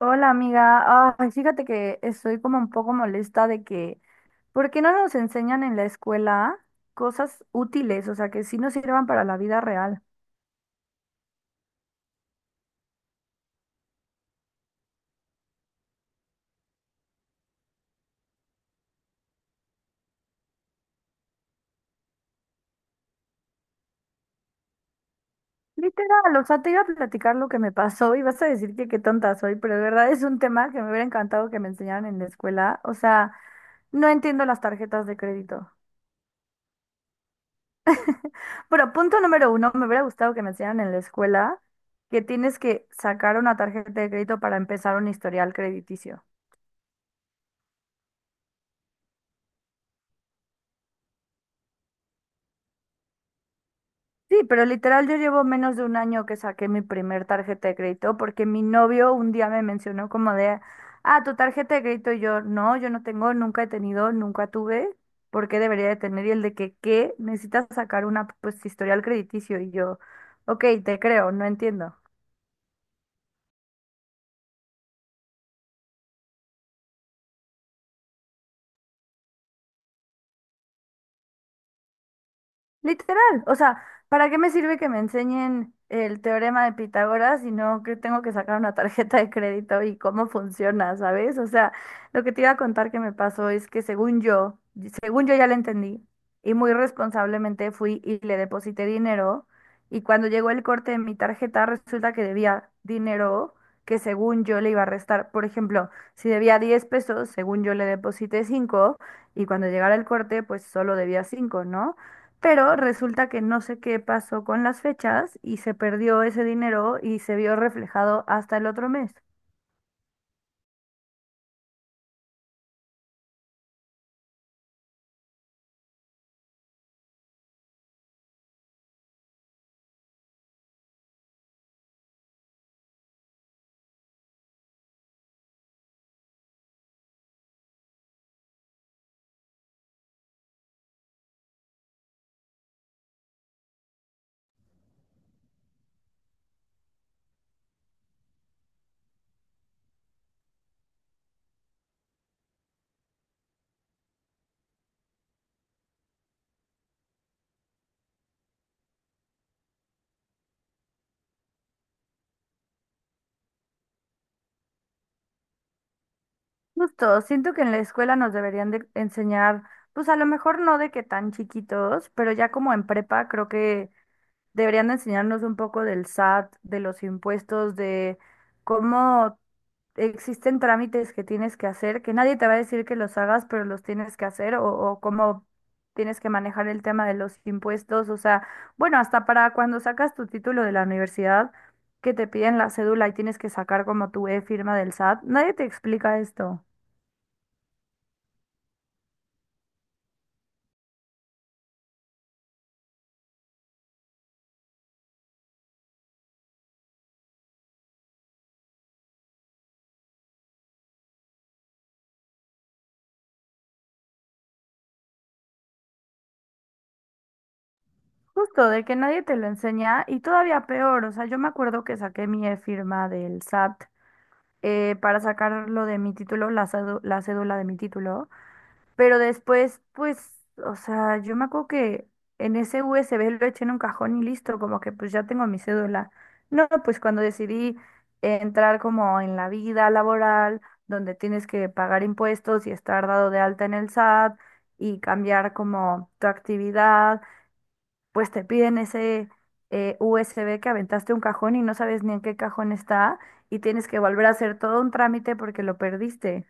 Hola amiga, ay, fíjate que estoy como un poco molesta de que, ¿por qué no nos enseñan en la escuela cosas útiles, o sea, que sí nos sirvan para la vida real? Literal, o sea, te iba a platicar lo que me pasó y vas a decir que qué tonta soy, pero de verdad es un tema que me hubiera encantado que me enseñaran en la escuela, o sea, no entiendo las tarjetas de crédito. Bueno, punto número uno, me hubiera gustado que me enseñaran en la escuela que tienes que sacar una tarjeta de crédito para empezar un historial crediticio. Sí, pero literal yo llevo menos de un año que saqué mi primer tarjeta de crédito porque mi novio un día me mencionó como de, ah, tu tarjeta de crédito y yo, no, yo no tengo, nunca he tenido, nunca tuve, ¿por qué debería de tener? Y el de que, ¿qué? Necesitas sacar una, pues, historial crediticio y yo, ok, te creo, no entiendo. Literal, o sea, ¿para qué me sirve que me enseñen el teorema de Pitágoras si no que tengo que sacar una tarjeta de crédito y cómo funciona, ¿sabes? O sea, lo que te iba a contar que me pasó es que según yo ya la entendí y muy responsablemente fui y le deposité dinero y cuando llegó el corte de mi tarjeta resulta que debía dinero que según yo le iba a restar. Por ejemplo, si debía 10 pesos, según yo le deposité 5 y cuando llegara el corte pues solo debía 5, ¿no? Pero resulta que no sé qué pasó con las fechas y se perdió ese dinero y se vio reflejado hasta el otro mes. Justo, siento que en la escuela nos deberían de enseñar, pues a lo mejor no de que tan chiquitos, pero ya como en prepa creo que deberían de enseñarnos un poco del SAT, de los impuestos, de cómo existen trámites que tienes que hacer, que nadie te va a decir que los hagas, pero los tienes que hacer, o cómo tienes que manejar el tema de los impuestos, o sea, bueno, hasta para cuando sacas tu título de la universidad, que te piden la cédula y tienes que sacar como tu e-firma del SAT, nadie te explica esto. Justo, de que nadie te lo enseña y todavía peor, o sea, yo me acuerdo que saqué mi e-firma del SAT para sacarlo de mi título, la cédula de mi título. Pero después, pues, o sea, yo me acuerdo que en ese USB lo eché en un cajón y listo, como que pues ya tengo mi cédula. No, pues cuando decidí entrar como en la vida laboral, donde tienes que pagar impuestos y estar dado de alta en el SAT y cambiar como tu actividad, pues te piden ese USB que aventaste un cajón y no sabes ni en qué cajón está y tienes que volver a hacer todo un trámite porque lo perdiste.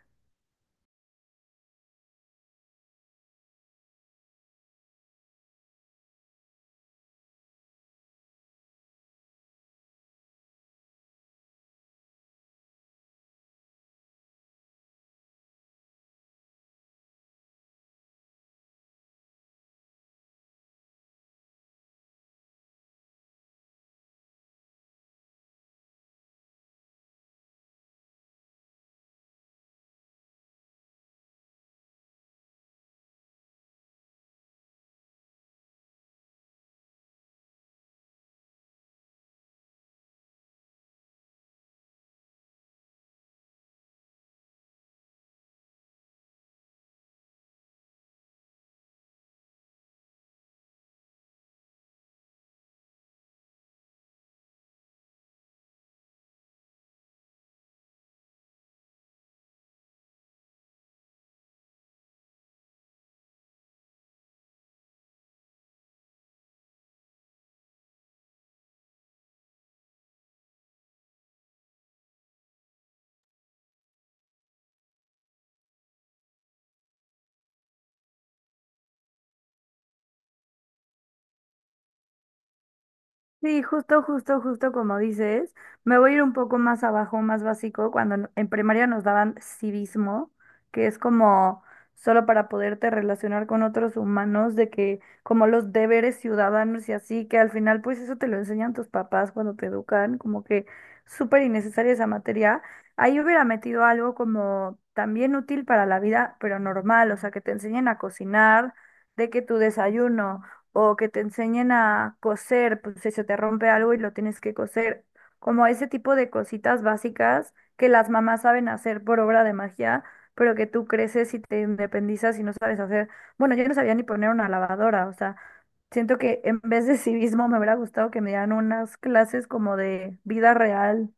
Sí, justo, justo, justo como dices, me voy a ir un poco más abajo, más básico, cuando en primaria nos daban civismo, que es como solo para poderte relacionar con otros humanos, de que como los deberes ciudadanos y así, que al final pues eso te lo enseñan tus papás cuando te educan, como que súper innecesaria esa materia. Ahí hubiera metido algo como también útil para la vida, pero normal, o sea, que te enseñen a cocinar, de que tu desayuno o que te enseñen a coser, pues si se te rompe algo y lo tienes que coser, como ese tipo de cositas básicas que las mamás saben hacer por obra de magia, pero que tú creces y te independizas y no sabes hacer. Bueno, yo no sabía ni poner una lavadora, o sea, siento que en vez de civismo me hubiera gustado que me dieran unas clases como de vida real.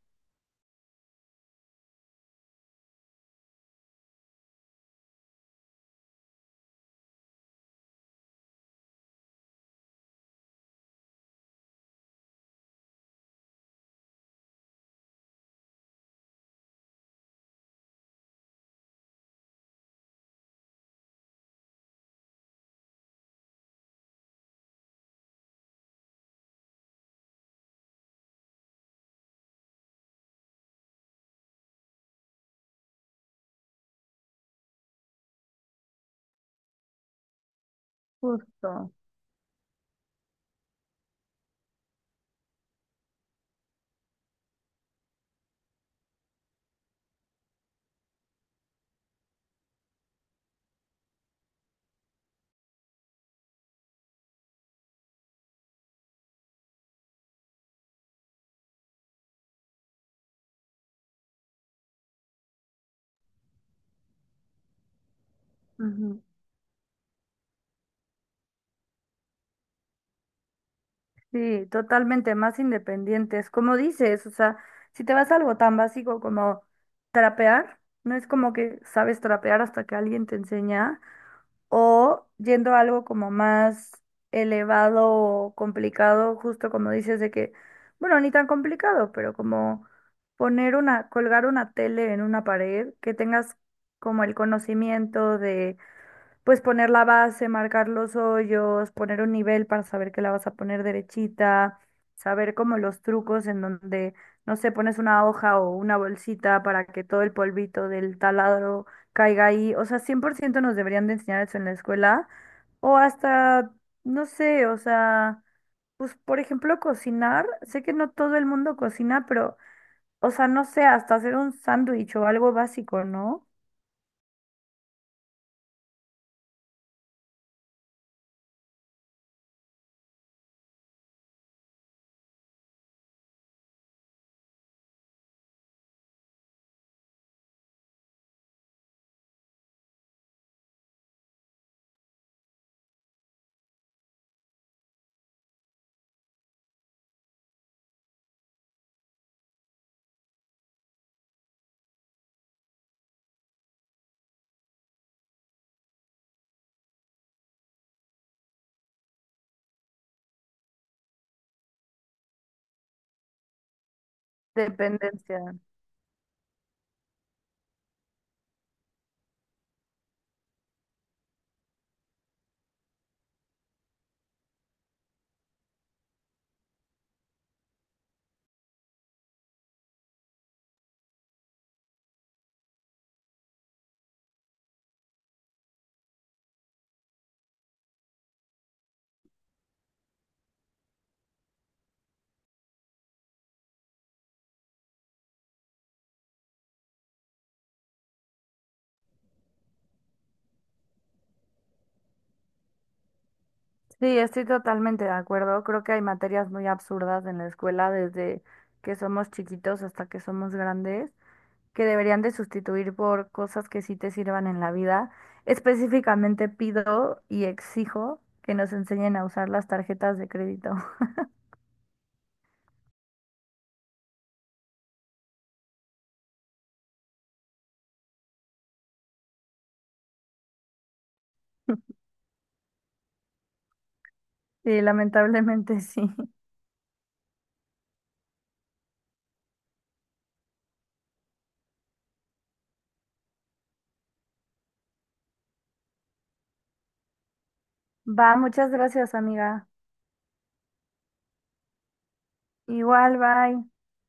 Justo. Ujú. Sí, totalmente más independientes. Como dices, o sea, si te vas a algo tan básico como trapear, no es como que sabes trapear hasta que alguien te enseña, o yendo a algo como más elevado o complicado, justo como dices de que, bueno, ni tan complicado, pero como poner una, colgar una tele en una pared, que tengas como el conocimiento pues poner la base, marcar los hoyos, poner un nivel para saber que la vas a poner derechita, saber como los trucos en donde, no sé, pones una hoja o una bolsita para que todo el polvito del taladro caiga ahí. O sea, 100% nos deberían de enseñar eso en la escuela. O hasta, no sé, o sea, pues por ejemplo cocinar. Sé que no todo el mundo cocina, pero, o sea, no sé, hasta hacer un sándwich o algo básico, ¿no? Dependencia. Sí, estoy totalmente de acuerdo. Creo que hay materias muy absurdas en la escuela desde que somos chiquitos hasta que somos grandes, que deberían de sustituir por cosas que sí te sirvan en la vida. Específicamente pido y exijo que nos enseñen a usar las tarjetas de crédito. Sí, lamentablemente sí. Va, muchas gracias, amiga. Igual, bye.